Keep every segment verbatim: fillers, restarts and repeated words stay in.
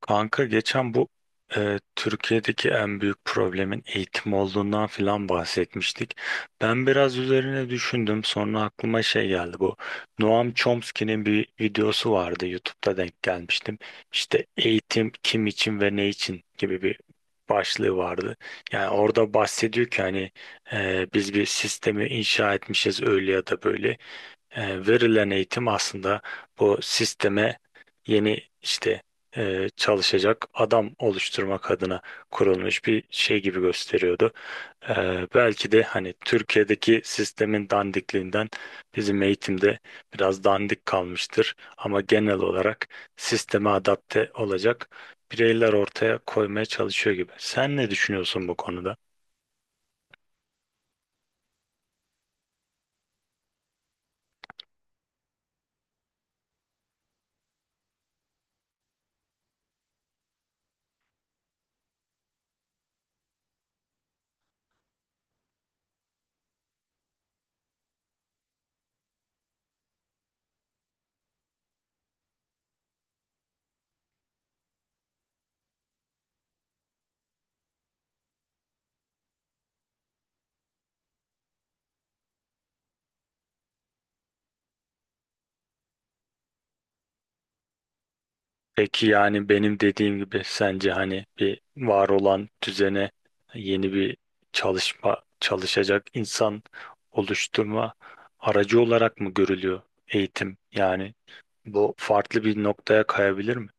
Kanka geçen bu e, Türkiye'deki en büyük problemin eğitim olduğundan filan bahsetmiştik. Ben biraz üzerine düşündüm. Sonra aklıma şey geldi bu. Noam Chomsky'nin bir videosu vardı. YouTube'da denk gelmiştim. İşte eğitim kim için ve ne için gibi bir başlığı vardı. Yani orada bahsediyor ki hani e, biz bir sistemi inşa etmişiz öyle ya da böyle. E, Verilen eğitim aslında bu sisteme yeni işte e, çalışacak adam oluşturmak adına kurulmuş bir şey gibi gösteriyordu. E, belki de hani Türkiye'deki sistemin dandikliğinden bizim eğitimde biraz dandik kalmıştır. Ama genel olarak sisteme adapte olacak bireyler ortaya koymaya çalışıyor gibi. Sen ne düşünüyorsun bu konuda? Peki yani benim dediğim gibi sence hani bir var olan düzene yeni bir çalışma çalışacak insan oluşturma aracı olarak mı görülüyor eğitim? Yani bu farklı bir noktaya kayabilir mi?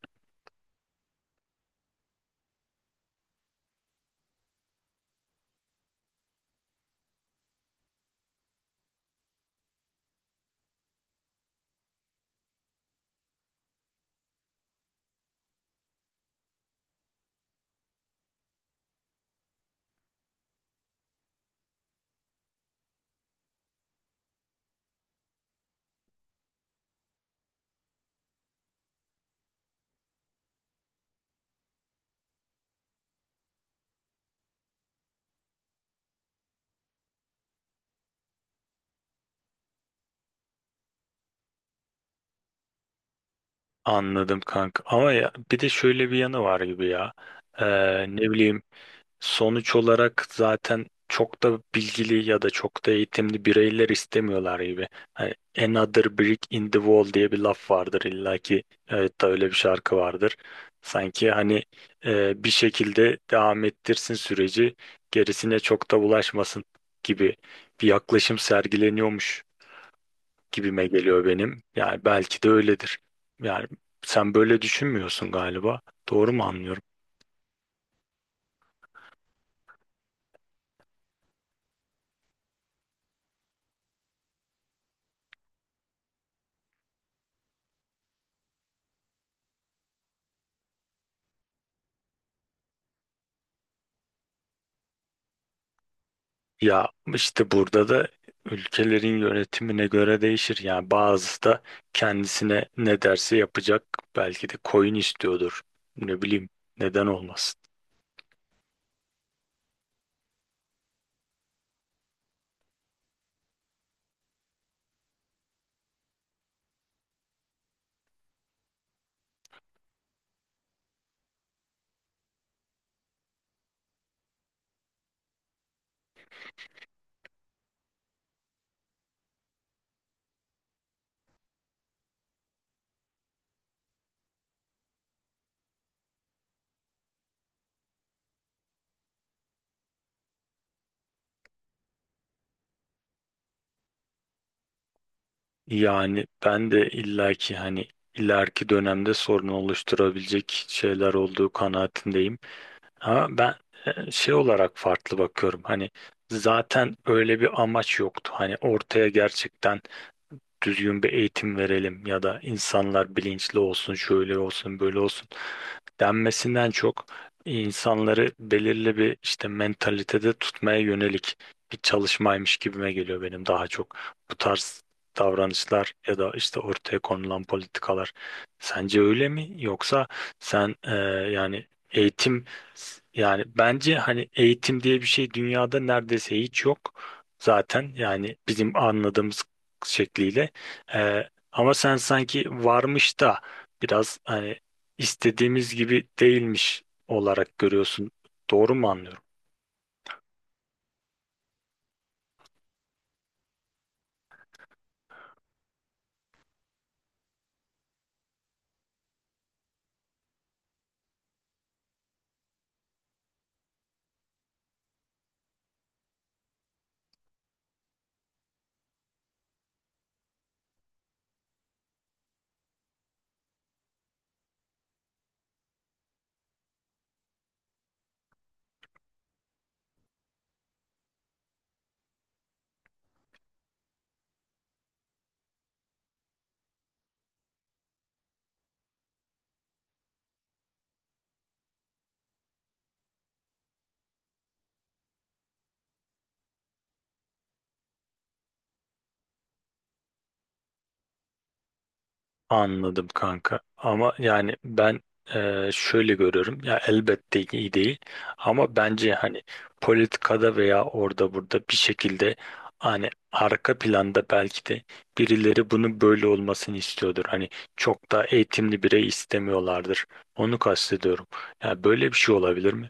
Anladım kanka. Ama ya, bir de şöyle bir yanı var gibi ya. Ee, ne bileyim, sonuç olarak zaten çok da bilgili ya da çok da eğitimli bireyler istemiyorlar gibi. Hani "Another brick in the wall" diye bir laf vardır illaki. Evet, da öyle bir şarkı vardır. Sanki hani e, bir şekilde devam ettirsin süreci, gerisine çok da bulaşmasın gibi bir yaklaşım sergileniyormuş gibime geliyor benim. Yani belki de öyledir. Yani sen böyle düşünmüyorsun galiba. Doğru mu anlıyorum? Ya işte burada da ülkelerin yönetimine göre değişir. Yani bazısı da kendisine ne derse yapacak. Belki de koyun istiyordur. Ne bileyim, neden olmasın. Yani ben de illaki hani ileriki dönemde sorun oluşturabilecek şeyler olduğu kanaatindeyim. Ama ben e, şey olarak farklı bakıyorum. Hani zaten öyle bir amaç yoktu. Hani ortaya gerçekten düzgün bir eğitim verelim ya da insanlar bilinçli olsun, şöyle olsun, böyle olsun denmesinden çok insanları belirli bir işte mentalitede tutmaya yönelik bir çalışmaymış gibime geliyor benim daha çok. Bu tarz davranışlar ya da işte ortaya konulan politikalar sence öyle mi? Yoksa sen e, yani eğitim, yani bence hani eğitim diye bir şey dünyada neredeyse hiç yok zaten, yani bizim anladığımız şekliyle. Ee, ama sen sanki varmış da biraz hani istediğimiz gibi değilmiş olarak görüyorsun. Doğru mu anlıyorum? Anladım kanka. Ama yani ben e, şöyle görüyorum. Ya elbette iyi değil. Ama bence hani politikada veya orada burada bir şekilde hani arka planda belki de birileri bunu böyle olmasını istiyordur. Hani çok da eğitimli birey istemiyorlardır. Onu kastediyorum. Yani böyle bir şey olabilir mi?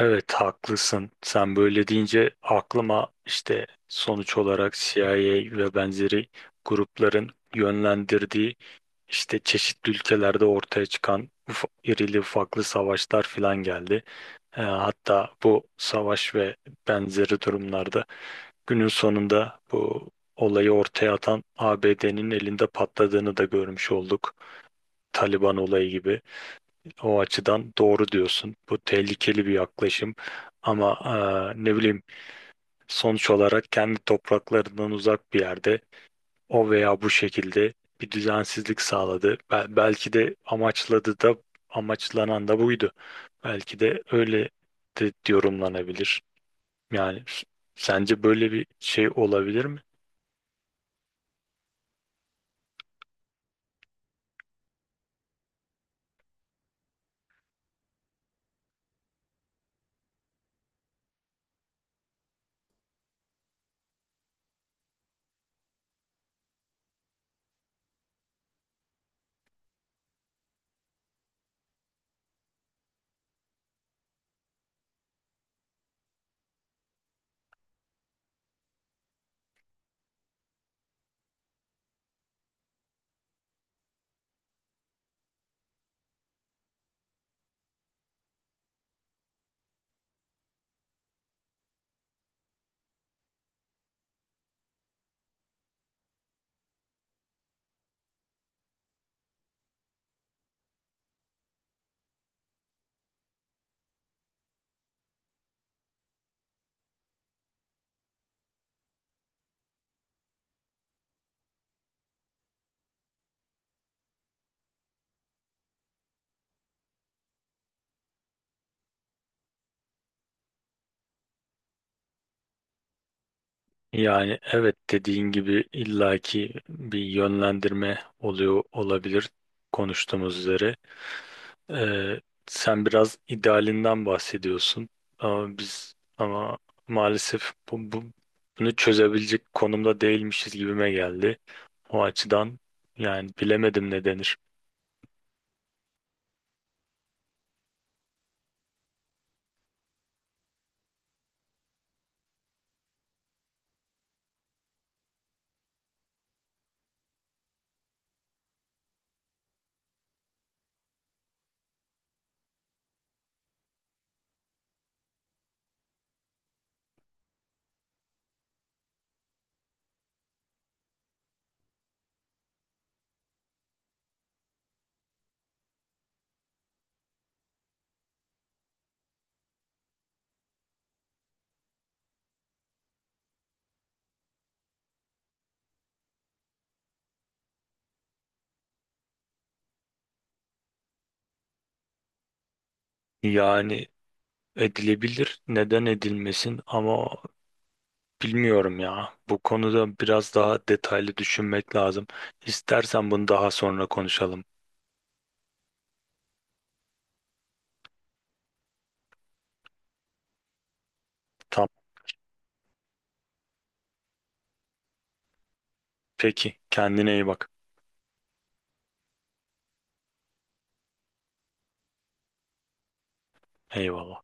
Evet, haklısın. Sen böyle deyince aklıma işte sonuç olarak C I A ve benzeri grupların yönlendirdiği işte çeşitli ülkelerde ortaya çıkan ufa- irili ufaklı savaşlar filan geldi. Ee, hatta bu savaş ve benzeri durumlarda günün sonunda bu olayı ortaya atan A B D'nin elinde patladığını da görmüş olduk. Taliban olayı gibi. O açıdan doğru diyorsun. Bu tehlikeli bir yaklaşım. Ama eee, ne bileyim, sonuç olarak kendi topraklarından uzak bir yerde o veya bu şekilde bir düzensizlik sağladı. Bel- belki de amaçladı da, amaçlanan da buydu. Belki de öyle de yorumlanabilir. Yani s- sence böyle bir şey olabilir mi? Yani evet, dediğin gibi illaki bir yönlendirme oluyor olabilir konuştuğumuz üzere. Ee, sen biraz idealinden bahsediyorsun ama biz ama maalesef bu, bu- bunu çözebilecek konumda değilmişiz gibime geldi. O açıdan yani bilemedim ne denir. Yani edilebilir, neden edilmesin, ama bilmiyorum ya. Bu konuda biraz daha detaylı düşünmek lazım. İstersen bunu daha sonra konuşalım. Tamam. Peki, kendine iyi bak. Eyvallah.